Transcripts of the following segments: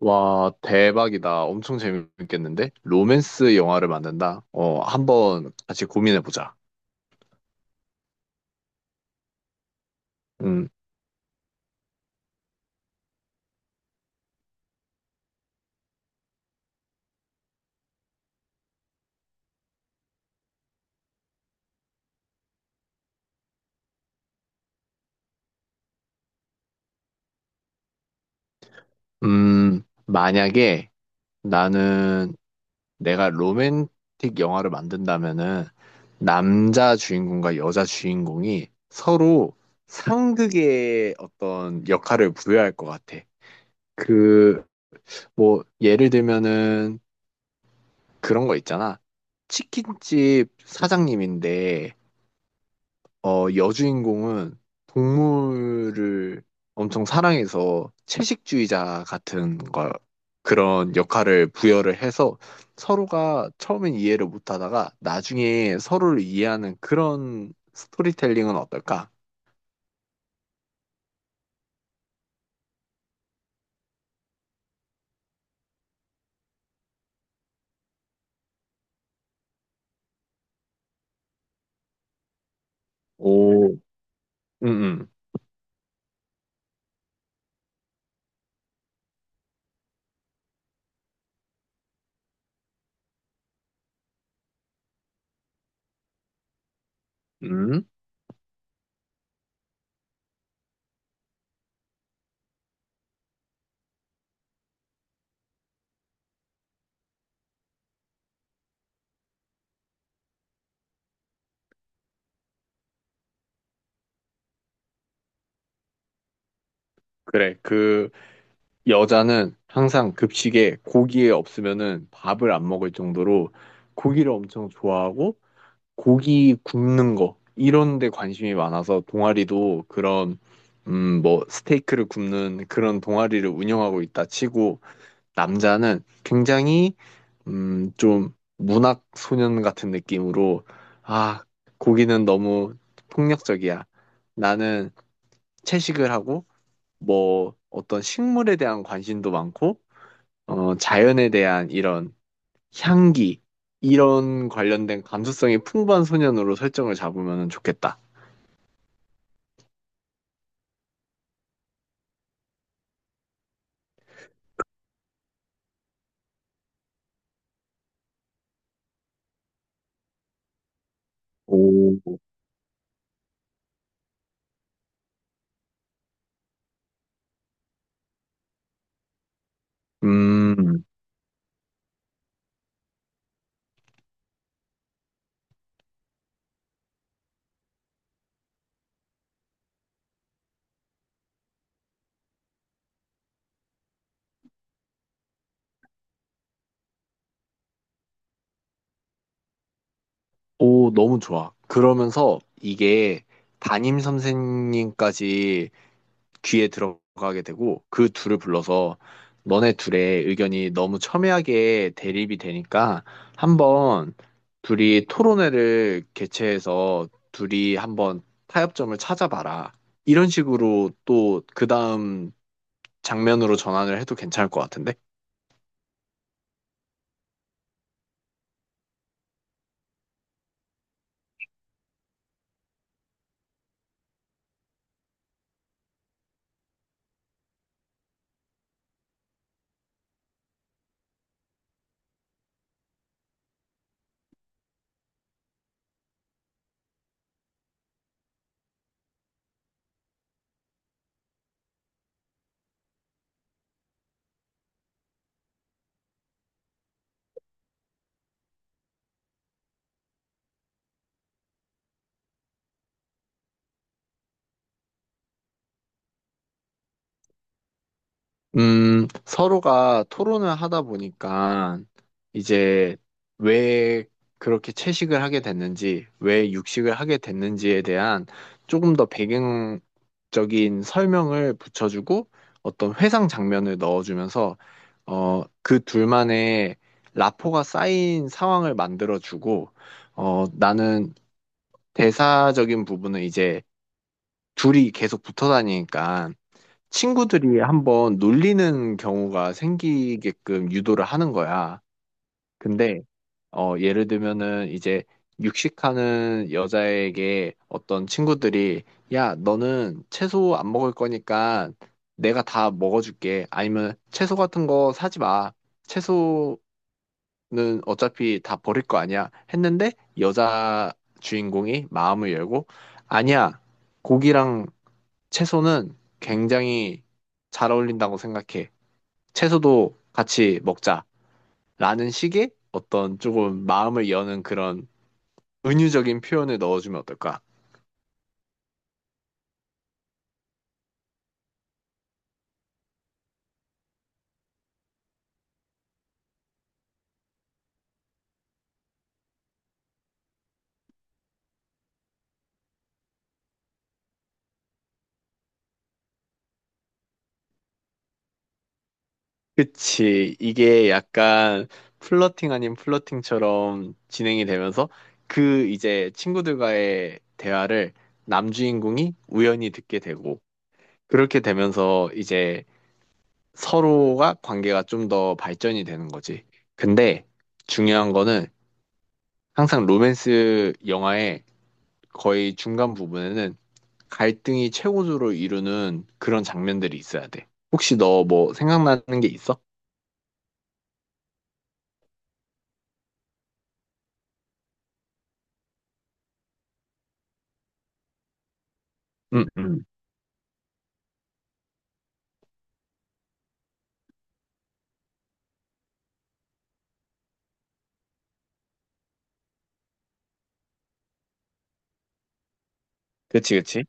와, 대박이다. 엄청 재밌겠는데? 로맨스 영화를 만든다? 한번 같이 고민해보자. 음, 만약에 나는 내가 로맨틱 영화를 만든다면은 남자 주인공과 여자 주인공이 서로 상극의 어떤 역할을 부여할 것 같아. 그, 뭐, 예를 들면은 그런 거 있잖아. 치킨집 사장님인데 여주인공은 동물을 엄청 사랑해서 채식주의자 같은 걸, 그런 역할을 부여를 해서 서로가 처음엔 이해를 못 하다가 나중에 서로를 이해하는 그런 스토리텔링은 어떨까? 오, 응, 응. 응, 그래. 여자는 항상 급식에 고기에 없으면은 밥을 안 먹을 정도로 고기를 엄청 좋아하고 고기 굽는 거 이런 데 관심이 많아서 동아리도 그런 뭐 스테이크를 굽는 그런 동아리를 운영하고 있다 치고 남자는 굉장히 좀 문학 소년 같은 느낌으로 아 고기는 너무 폭력적이야. 나는 채식을 하고 뭐 어떤 식물에 대한 관심도 많고 자연에 대한 이런 향기 이런 관련된 감수성이 풍부한 소년으로 설정을 잡으면 좋겠다. 오, 음, 오, 너무 좋아. 그러면서 이게 담임 선생님까지 귀에 들어가게 되고 그 둘을 불러서 너네 둘의 의견이 너무 첨예하게 대립이 되니까 한번 둘이 토론회를 개최해서 둘이 한번 타협점을 찾아봐라. 이런 식으로 또 그 다음 장면으로 전환을 해도 괜찮을 것 같은데? 서로가 토론을 하다 보니까 이제 왜 그렇게 채식을 하게 됐는지, 왜 육식을 하게 됐는지에 대한 조금 더 배경적인 설명을 붙여주고 어떤 회상 장면을 넣어주면서 그 둘만의 라포가 쌓인 상황을 만들어주고 나는 대사적인 부분은 이제 둘이 계속 붙어 다니니까 친구들이 한번 놀리는 경우가 생기게끔 유도를 하는 거야. 근데 예를 들면은 이제 육식하는 여자에게 어떤 친구들이 야, 너는 채소 안 먹을 거니까 내가 다 먹어줄게. 아니면 채소 같은 거 사지 마. 채소는 어차피 다 버릴 거 아니야. 했는데 여자 주인공이 마음을 열고 아니야. 고기랑 채소는 굉장히 잘 어울린다고 생각해. 채소도 같이 먹자. 라는 식의 어떤 조금 마음을 여는 그런 은유적인 표현을 넣어주면 어떨까? 그치. 이게 약간 플러팅 아닌 플러팅처럼 진행이 되면서 그 이제 친구들과의 대화를 남주인공이 우연히 듣게 되고 그렇게 되면서 이제 서로가 관계가 좀 더 발전이 되는 거지. 근데 중요한 거는 항상 로맨스 영화의 거의 중간 부분에는 갈등이 최고조로 이루는 그런 장면들이 있어야 돼. 혹시 너 뭐 생각나는 게 있어? 응, 응. 그치, 그치.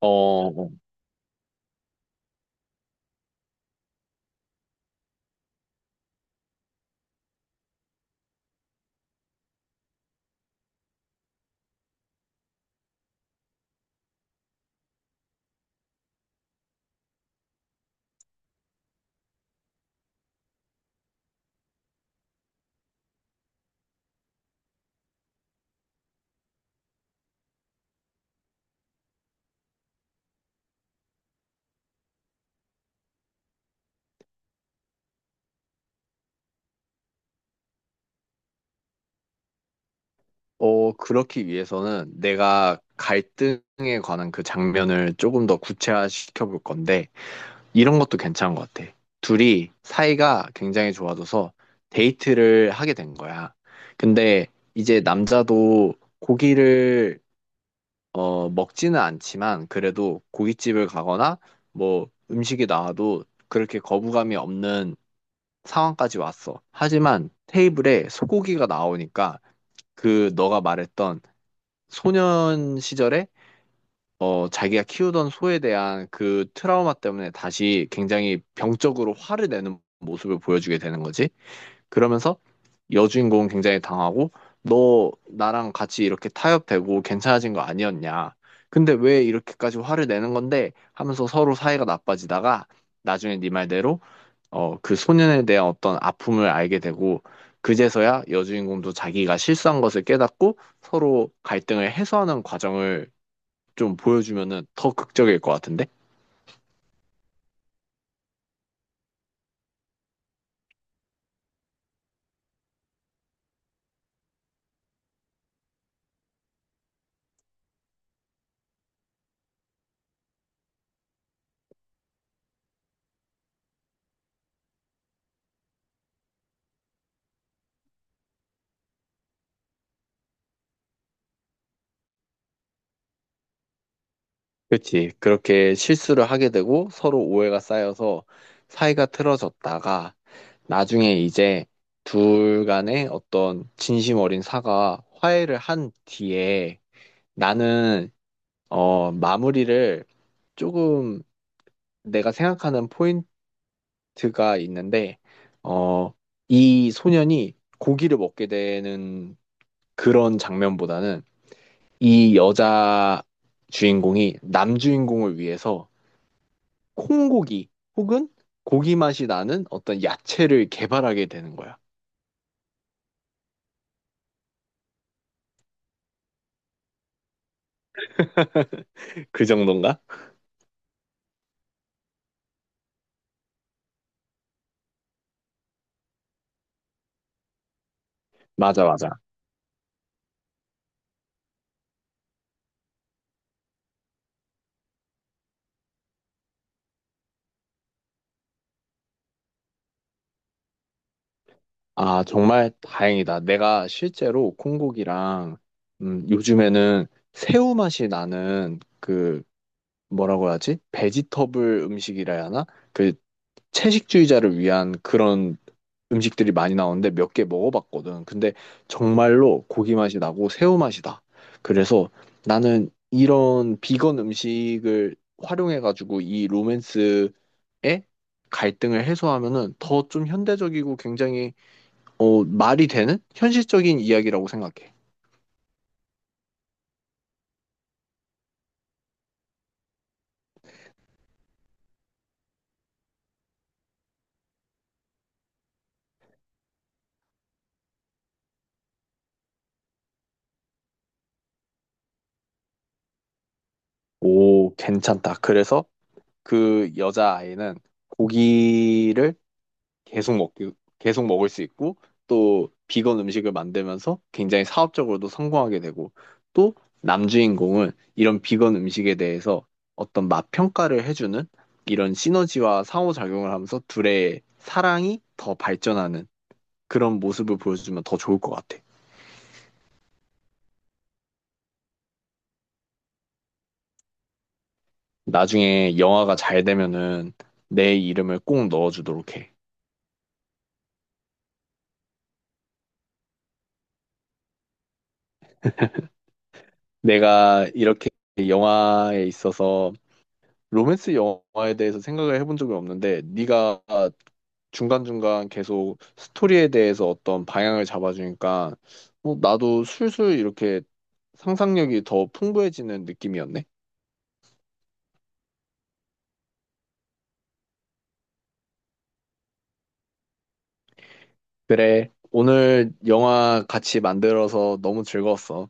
어, 어, 그렇기 위해서는 내가 갈등에 관한 그 장면을 조금 더 구체화시켜 볼 건데, 이런 것도 괜찮은 것 같아. 둘이 사이가 굉장히 좋아져서 데이트를 하게 된 거야. 근데 이제 남자도 고기를 먹지는 않지만 그래도 고깃집을 가거나 뭐 음식이 나와도 그렇게 거부감이 없는 상황까지 왔어. 하지만 테이블에 소고기가 나오니까 그 너가 말했던 소년 시절에 자기가 키우던 소에 대한 그 트라우마 때문에 다시 굉장히 병적으로 화를 내는 모습을 보여주게 되는 거지. 그러면서 여주인공은 굉장히 당하고 너 나랑 같이 이렇게 타협되고 괜찮아진 거 아니었냐? 근데 왜 이렇게까지 화를 내는 건데? 하면서 서로 사이가 나빠지다가 나중에 네 말대로 그 소년에 대한 어떤 아픔을 알게 되고 그제서야 여주인공도 자기가 실수한 것을 깨닫고 서로 갈등을 해소하는 과정을 좀 보여주면은 더 극적일 것 같은데? 그렇지. 그렇게 실수를 하게 되고 서로 오해가 쌓여서 사이가 틀어졌다가 나중에 이제 둘 간의 어떤 진심 어린 사과, 화해를 한 뒤에 나는 마무리를 조금 내가 생각하는 포인트가 있는데 어, 이 소년이 고기를 먹게 되는 그런 장면보다는 이 여자 주인공이 남 주인공을 위해서 콩고기 혹은 고기 맛이 나는 어떤 야채를 개발하게 되는 거야. 그 정도인가? 맞아, 맞아. 아, 정말 다행이다. 내가 실제로 콩고기랑 요즘에는 새우 맛이 나는 그 뭐라고 하지? 베지터블 음식이라 해야 하나? 그 채식주의자를 위한 그런 음식들이 많이 나오는데 몇 개 먹어봤거든. 근데 정말로 고기 맛이 나고 새우 맛이 나. 그래서 나는 이런 비건 음식을 활용해가지고 이 로맨스의 갈등을 해소하면은 더 좀 현대적이고 굉장히 말이 되는 현실적인 이야기라고 생각해. 오, 괜찮다. 그래서 그 여자아이는 고기를 계속 먹기, 계속 먹을 수 있고, 또 비건 음식을 만들면서 굉장히 사업적으로도 성공하게 되고, 또 남주인공은 이런 비건 음식에 대해서 어떤 맛 평가를 해주는 이런 시너지와 상호작용을 하면서 둘의 사랑이 더 발전하는 그런 모습을 보여주면 더 좋을 것 같아. 나중에 영화가 잘 되면은 내 이름을 꼭 넣어주도록 해. 내가 이렇게 영화에 있어서 로맨스 영화에 대해서 생각을 해본 적이 없는데 네가 중간중간 계속 스토리에 대해서 어떤 방향을 잡아주니까 나도 술술 이렇게 상상력이 더 풍부해지는 느낌이었네. 그래, 오늘 영화 같이 만들어서 너무 즐거웠어.